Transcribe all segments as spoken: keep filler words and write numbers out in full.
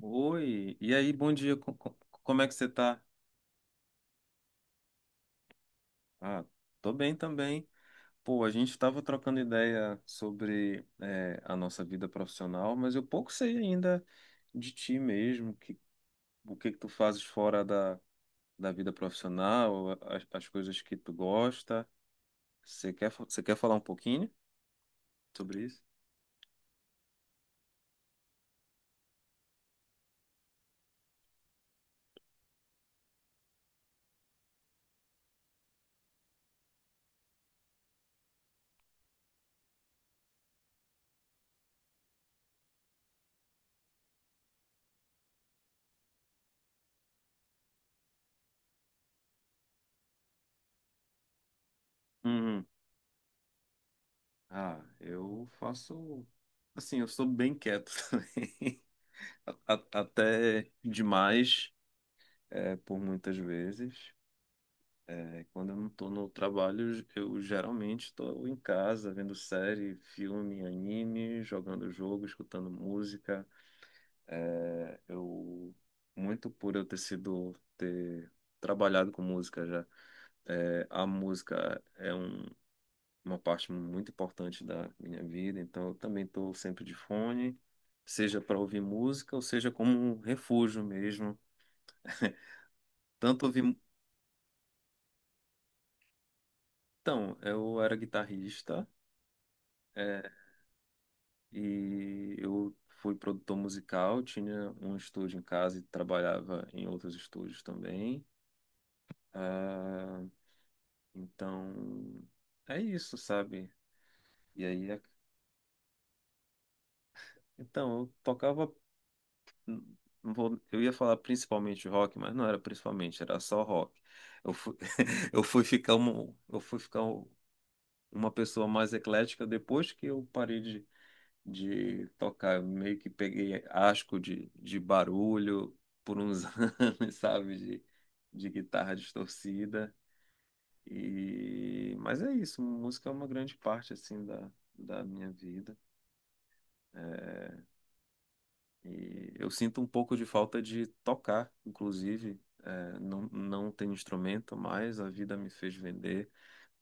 Oi, e aí, bom dia, co- co- como é que você tá? Ah, tô bem também. Pô, a gente tava trocando ideia sobre é, a nossa vida profissional, mas eu pouco sei ainda de ti mesmo, que, o que que tu fazes fora da, da vida profissional, as, as coisas que tu gosta. Você quer, fa- você quer falar um pouquinho sobre isso? Uhum. Ah, eu faço. Assim, eu sou bem quieto também. A- a- Até demais. É, por muitas vezes. É, quando eu não estou no trabalho, eu geralmente estou em casa vendo série, filme, anime, jogando jogo, escutando música. É, eu muito por eu ter sido ter trabalhado com música já. É, a música é um- uma parte muito importante da minha vida, então eu também estou sempre de fone, seja para ouvir música ou seja como um refúgio mesmo. Tanto ouvir. Então, eu era guitarrista. É, e eu fui produtor musical, tinha um estúdio em casa e trabalhava em outros estúdios também. Ah, então, é isso, sabe? E aí, é- então, eu tocava, hum, não vou- eu ia falar principalmente rock, mas não era principalmente, era só rock. Eu fui, eu fui ficar, um, eu fui ficar um- uma pessoa mais eclética depois que eu parei de de tocar. Eu meio que peguei asco de, de barulho por uns anos, sabe? De, de guitarra distorcida. E... Mas é isso, música é uma grande parte, assim, da, da minha vida. É, e eu sinto um pouco de falta de tocar, inclusive. É, não, não tem instrumento mais, a vida me fez vender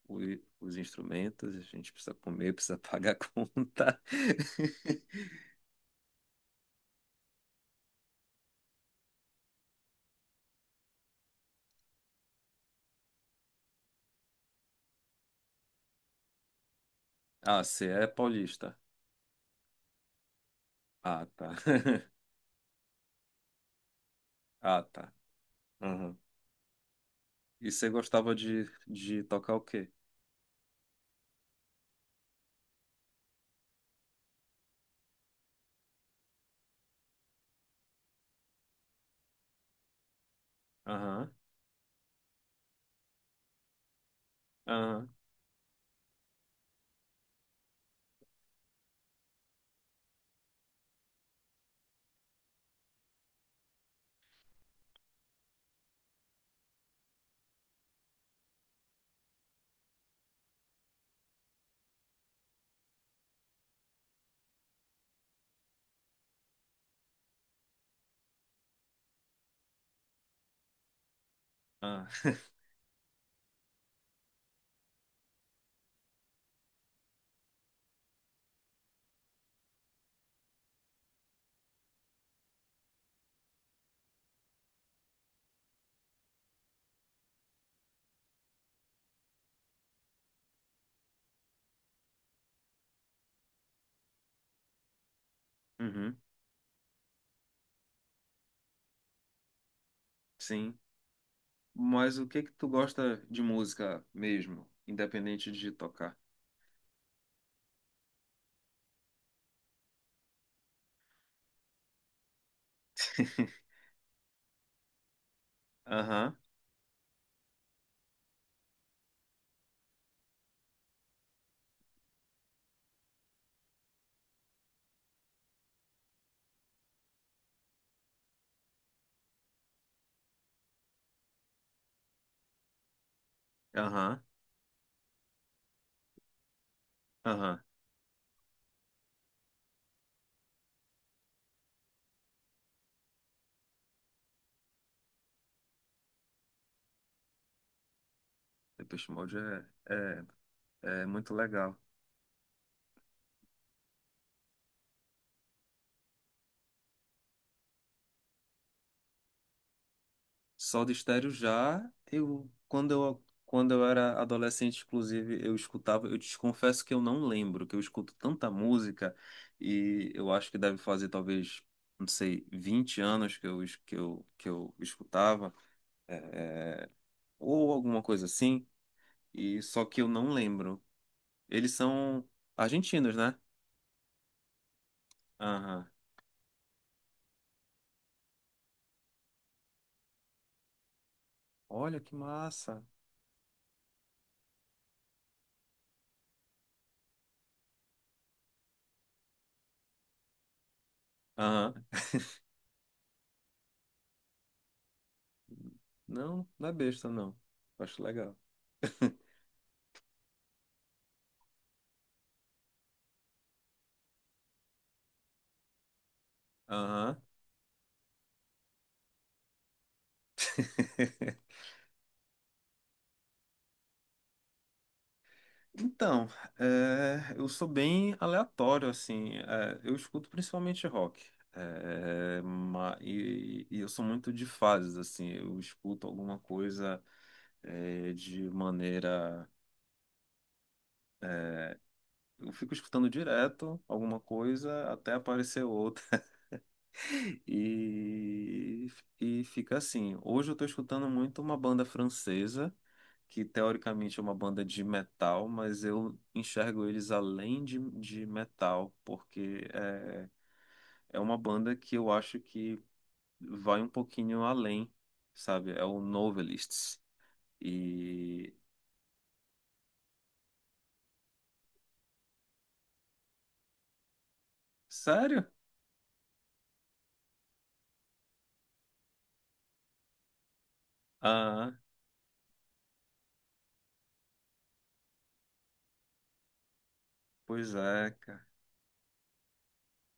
o- os instrumentos, a gente precisa comer, precisa pagar a conta. Ah, você é paulista. Ah, tá. Ah, tá. Aham. E você gostava de, de tocar o quê? Aham, aham, aham. Uhum, sim. Mas o que que tu gosta de música mesmo, independente de tocar? Aham, aham, aham. Depeche Mode é, é, é muito legal. Soda Stereo já, eu quando eu quando eu era adolescente, inclusive, eu escutava, eu te confesso que eu não lembro, que eu escuto tanta música e eu acho que deve fazer talvez, não sei, vinte anos que eu es- que eu que eu escutava, é, ou alguma coisa assim, e só que eu não lembro. Eles são argentinos, né? Aham. Olha que massa. Aham. Não, não é besta não. Eu acho legal. Aham. Então, é, eu sou bem aleatório, assim. É, eu escuto principalmente rock. É, ma- e, e eu sou muito de fases, assim. Eu escuto alguma coisa é, de maneira. Eu fico escutando direto alguma coisa até aparecer outra. E, e fica assim. Hoje eu tô escutando muito uma banda francesa, que teoricamente é uma banda de metal, mas eu enxergo eles além de, de metal, porque é, é uma banda que eu acho que vai um pouquinho além, sabe? É o Novelists. E. Sério? Ah, pois é, cara.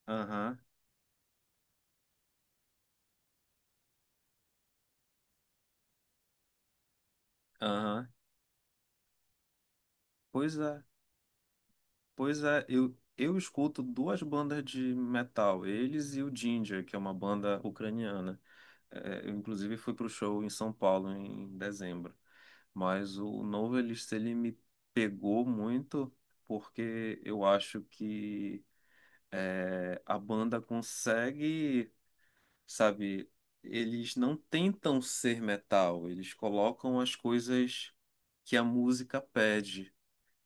Aham, aham. Pois é, pois é. Eu, eu escuto duas bandas de metal, eles e o Ginger, que é uma banda ucraniana. É, eu, inclusive, fui pro show em São Paulo em dezembro. Mas o novo Elixir, ele me pegou muito porque eu acho que é, a banda consegue, sabe, eles não tentam ser metal, eles colocam as coisas que a música pede,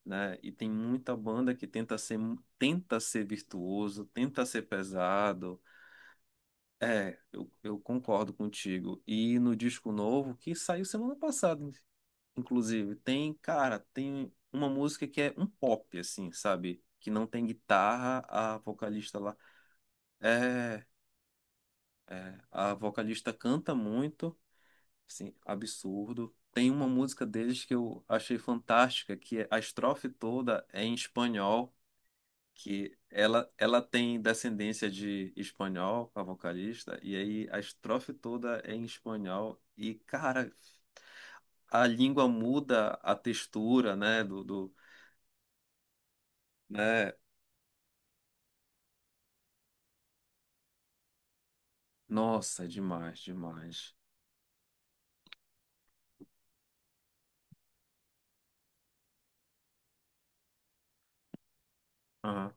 né? E tem muita banda que tenta ser, tenta ser virtuoso, tenta ser pesado. É, eu, eu concordo contigo. E no disco novo, que saiu semana passada, inclusive, tem, cara, tem uma música que é um pop, assim, sabe? Que não tem guitarra, a vocalista lá. É, é, a vocalista canta muito, assim, absurdo. Tem uma música deles que eu achei fantástica, que é- a estrofe toda é em espanhol. Que ela, ela tem descendência de espanhol, a vocalista, e aí a estrofe toda é em espanhol, e cara, a língua muda a textura, né, do, do, né, nossa, é demais, demais. Aham,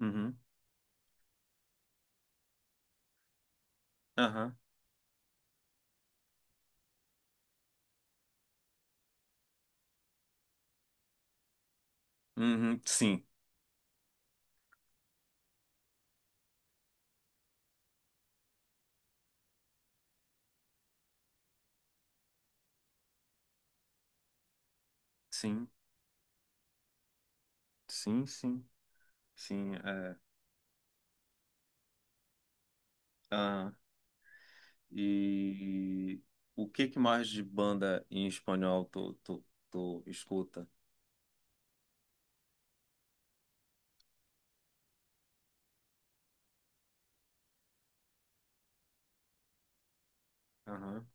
uhum, aham, uhum, sim, sim, sim, sim, sim, é, aham. E o que que mais de banda em espanhol tu, tu, tu escuta? Aham,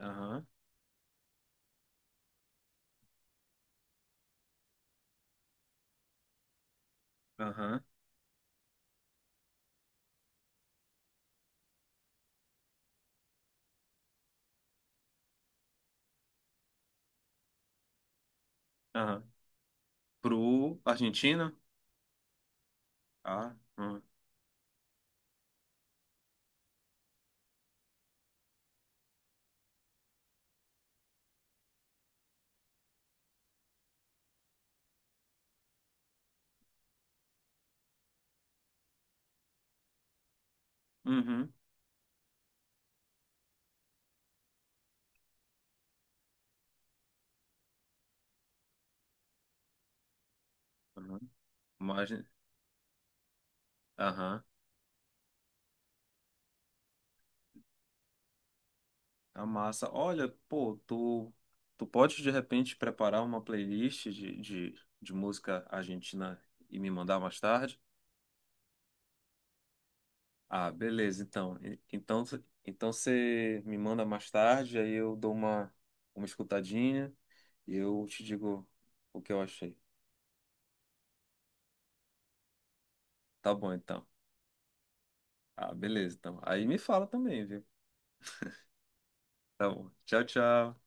aham, aham, aham. Pro Argentina? Ah, hum. Uhum. Uhum. Mas, aham. A massa. Olha, pô, tu, tu pode de repente preparar uma playlist de, de, de música argentina e me mandar mais tarde? Ah, beleza, então. E- Então, cê- então você me manda mais tarde, aí eu dou uma, uma escutadinha e eu te digo o que eu achei. Tá bom, então. Ah, beleza, então. Aí me fala também, viu? Tá bom. Tchau, tchau.